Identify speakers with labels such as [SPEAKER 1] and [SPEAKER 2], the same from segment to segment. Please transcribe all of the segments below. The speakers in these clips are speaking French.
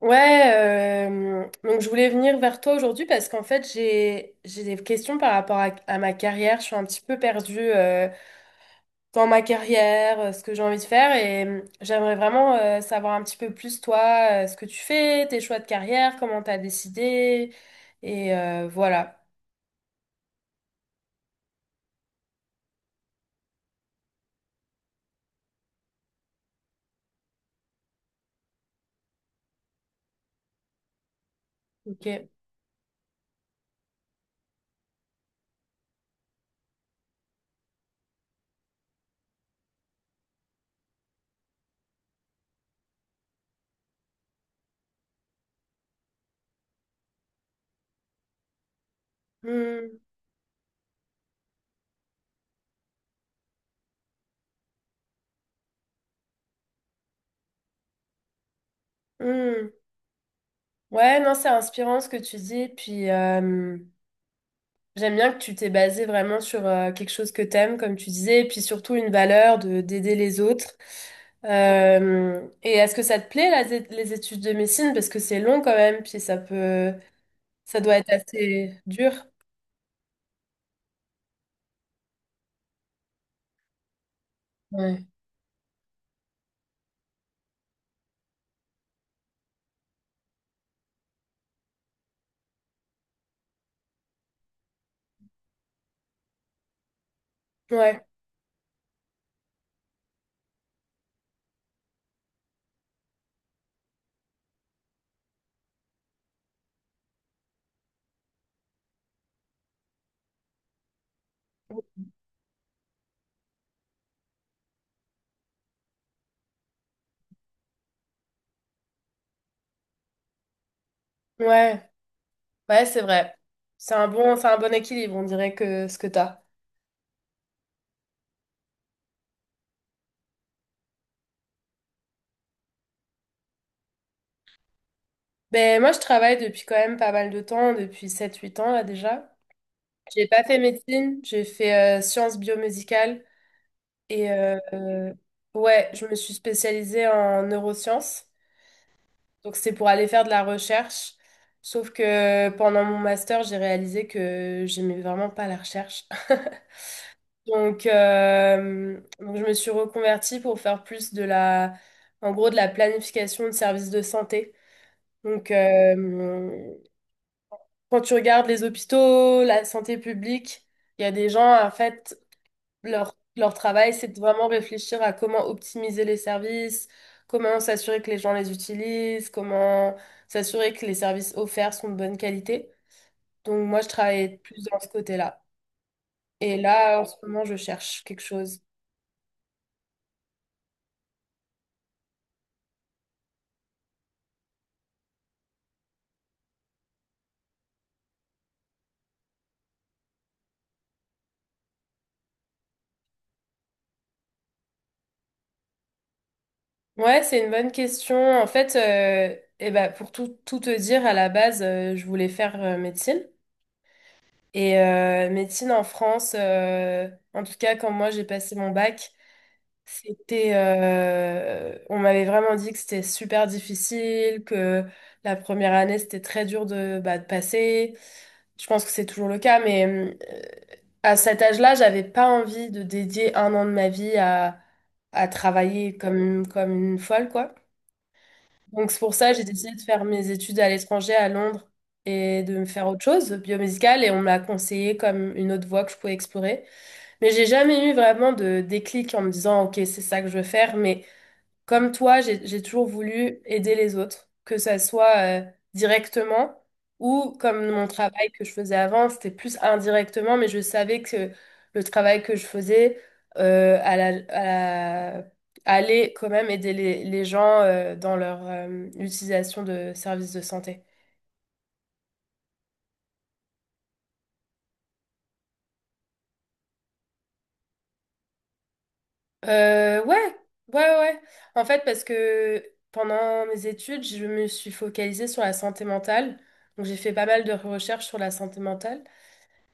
[SPEAKER 1] Ouais, donc je voulais venir vers toi aujourd'hui parce qu'en fait j'ai des questions par rapport à ma carrière. Je suis un petit peu perdue dans ma carrière, ce que j'ai envie de faire et j'aimerais vraiment savoir un petit peu plus toi, ce que tu fais, tes choix de carrière, comment t'as décidé et voilà. Ok. Hmm, hmm. Ouais, non, c'est inspirant ce que tu dis. Puis j'aime bien que tu t'es basé vraiment sur quelque chose que t'aimes, comme tu disais, et puis surtout une valeur de d'aider les autres. Et est-ce que ça te plaît, là, les études de médecine? Parce que c'est long quand même, puis ça peut, ça doit être assez dur. Ouais, ouais, ouais, ouais, c'est vrai. C'est un bon équilibre, on dirait que ce que t'as. Ben, moi, je travaille depuis quand même pas mal de temps, depuis sept, huit ans, là, déjà. J'ai pas fait médecine, j'ai fait sciences biomédicales. Et euh, euh, ouais, je me suis spécialisée en neurosciences. Donc c'est pour aller faire de la recherche. Sauf que pendant mon master, j'ai réalisé que j'aimais vraiment pas la recherche. Donc je me suis reconvertie pour faire plus en gros, de la planification de services de santé. Donc, euh, Quand tu regardes les hôpitaux, la santé publique, il y a des gens, en fait, leur travail, c'est de vraiment réfléchir à comment optimiser les services, comment s'assurer que les gens les utilisent, comment s'assurer que les services offerts sont de bonne qualité. Donc moi, je travaille plus dans ce côté-là. Et là, en ce moment, je cherche quelque chose. Ouais, c'est une bonne question. En fait, eh ben, Pour tout, tout te dire, à la base, je voulais faire médecine. Et médecine en France, en tout cas, quand moi j'ai passé mon bac, c'était, on m'avait vraiment dit que c'était super difficile, que la première année c'était très dur de, bah, de passer. Je pense que c'est toujours le cas, mais à cet âge-là, j'avais pas envie de dédier un an de ma vie à travailler comme une folle, quoi. Donc c'est pour ça que j'ai décidé de faire mes études à l'étranger, à Londres, et de me faire autre chose, biomédicale, et on m'a conseillé comme une autre voie que je pouvais explorer. Mais j'ai jamais eu vraiment de déclic en me disant, OK, c'est ça que je veux faire. Mais comme toi, j'ai toujours voulu aider les autres, que ça soit directement ou comme mon travail que je faisais avant, c'était plus indirectement, mais je savais que le travail que je faisais euh, à la, à la- allait quand même aider les gens dans leur utilisation de services de santé. Ouais, ouais, ouais. Ouais. En fait, parce que pendant mes études, je me suis focalisée sur la santé mentale. Donc, j'ai fait pas mal de recherches sur la santé mentale.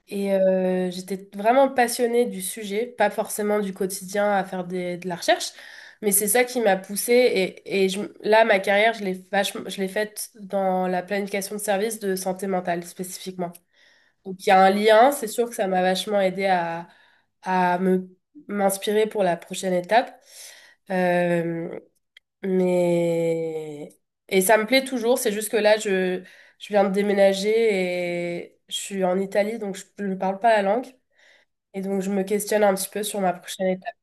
[SPEAKER 1] Et j'étais vraiment passionnée du sujet, pas forcément du quotidien à faire de la recherche, mais c'est ça qui m'a poussée. Et, là, ma carrière, je l'ai vachement, je l'ai faite dans la planification de services de santé mentale spécifiquement. Donc il y a un lien, c'est sûr que ça m'a vachement aidé à me m'inspirer pour la prochaine étape. Euh, mais et ça me plaît toujours, c'est juste que là je viens de déménager et je suis en Italie donc je ne parle pas la langue et donc je me questionne un petit peu sur ma prochaine étape.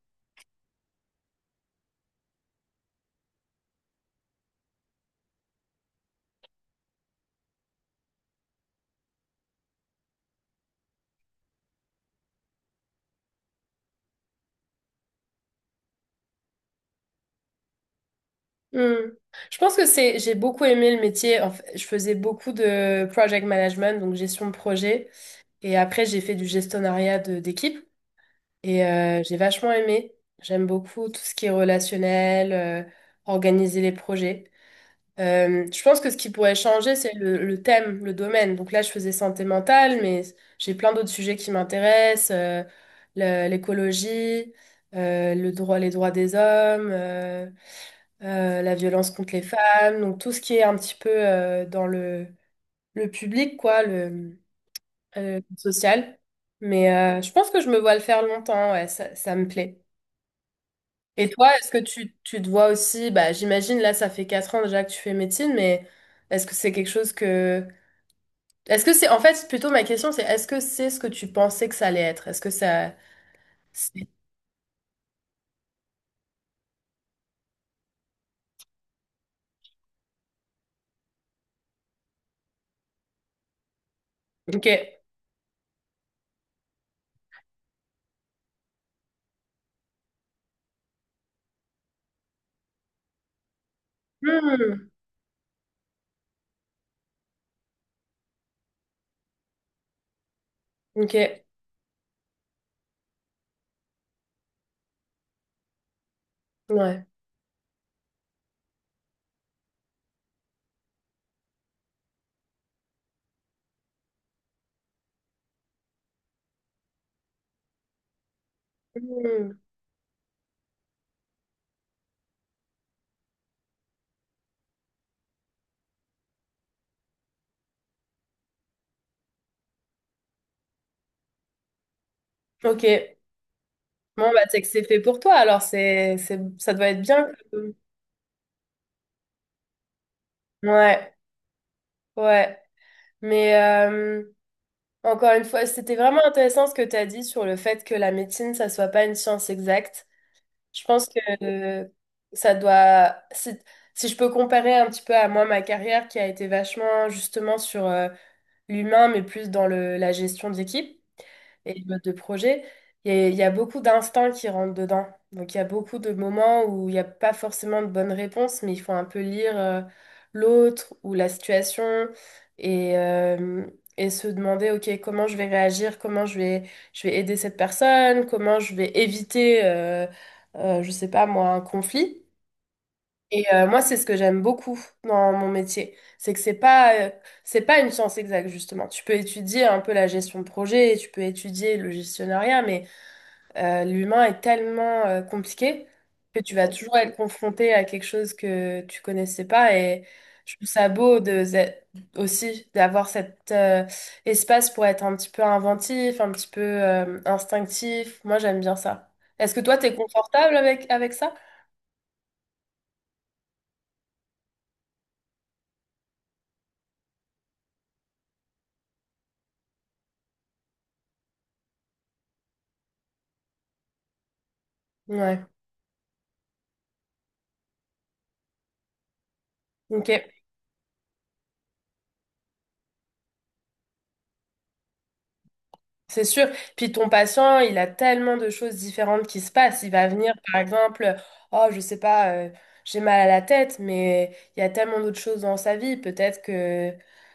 [SPEAKER 1] Hmm. Je pense que c'est j'ai beaucoup aimé le métier. En fait, je faisais beaucoup de project management donc gestion de projet et après j'ai fait du gestonnariat d'équipe. Et j'ai vachement aimé. J'aime beaucoup tout ce qui est relationnel, organiser les projets. Je pense que ce qui pourrait changer, c'est le thème, le domaine. Donc là, je faisais santé mentale, mais j'ai plein d'autres sujets qui m'intéressent, l'écologie, le droit, les droits des hommes, la violence contre les femmes. Donc tout ce qui est un petit peu dans le public, quoi, le social. Mais je pense que je me vois le faire longtemps, ouais, ça ça me plaît. Et toi, est-ce que tu te vois aussi, bah, j'imagine là, ça fait quatre ans déjà que tu fais médecine, mais est-ce que c'est quelque chose que... Est-ce que c'est... En fait, plutôt ma question, c'est est-ce que c'est ce que tu pensais que ça allait être? Est-ce que ça... c'est- Ok. Hmm. Ok. Ouais. Hmm. Ok. Bon, bah, c'est que c'est fait pour toi, alors c'est... ça doit être bien. Ouais. Ouais. Mais encore une fois, c'était vraiment intéressant ce que tu as dit sur le fait que la médecine, ça soit pas une science exacte. Je pense que ça doit. Si, si je peux comparer un petit peu à moi ma carrière qui a été vachement justement sur l'humain, mais plus dans la gestion d'équipe et les modes de projet, il y a beaucoup d'instincts qui rentrent dedans. Donc, il y a beaucoup de moments où il n'y a pas forcément de bonne réponse, mais il faut un peu lire l'autre ou la situation et, euh, et se demander, OK, comment je vais réagir, je vais aider cette personne, comment je vais éviter, je sais pas moi, un conflit. Et moi, c'est ce que j'aime beaucoup dans mon métier, c'est que c'est pas une science exacte justement. Tu peux étudier un peu la gestion de projet, tu peux étudier le gestionnariat, mais l'humain est tellement compliqué que tu vas toujours être confronté à quelque chose que tu connaissais pas. Et je trouve ça beau de aussi d'avoir cet espace pour être un petit peu inventif, un petit peu instinctif. Moi, j'aime bien ça. Est-ce que toi, t'es confortable avec avec ça? Ouais. Ok. C'est sûr. Puis ton patient, il a tellement de choses différentes qui se passent. Il va venir, par exemple, oh, je sais pas, j'ai mal à la tête, mais il y a tellement d'autres choses dans sa vie.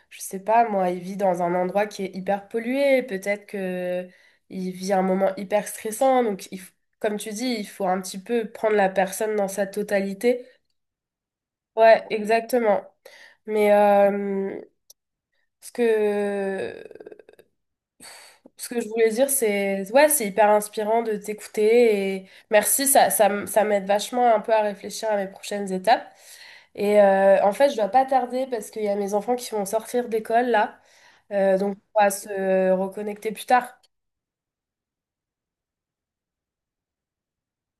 [SPEAKER 1] Je sais pas, moi, il vit dans un endroit qui est hyper pollué. Peut-être que il vit un moment hyper stressant. Donc, comme tu dis, il faut un petit peu prendre la personne dans sa totalité. Ouais, exactement. Mais ce que ce que je voulais dire, c'est ouais, c'est hyper inspirant de t'écouter et merci, ça m'aide vachement un peu à réfléchir à mes prochaines étapes. Et en fait, je dois pas tarder parce qu'il y a mes enfants qui vont sortir d'école là, donc on va se reconnecter plus tard.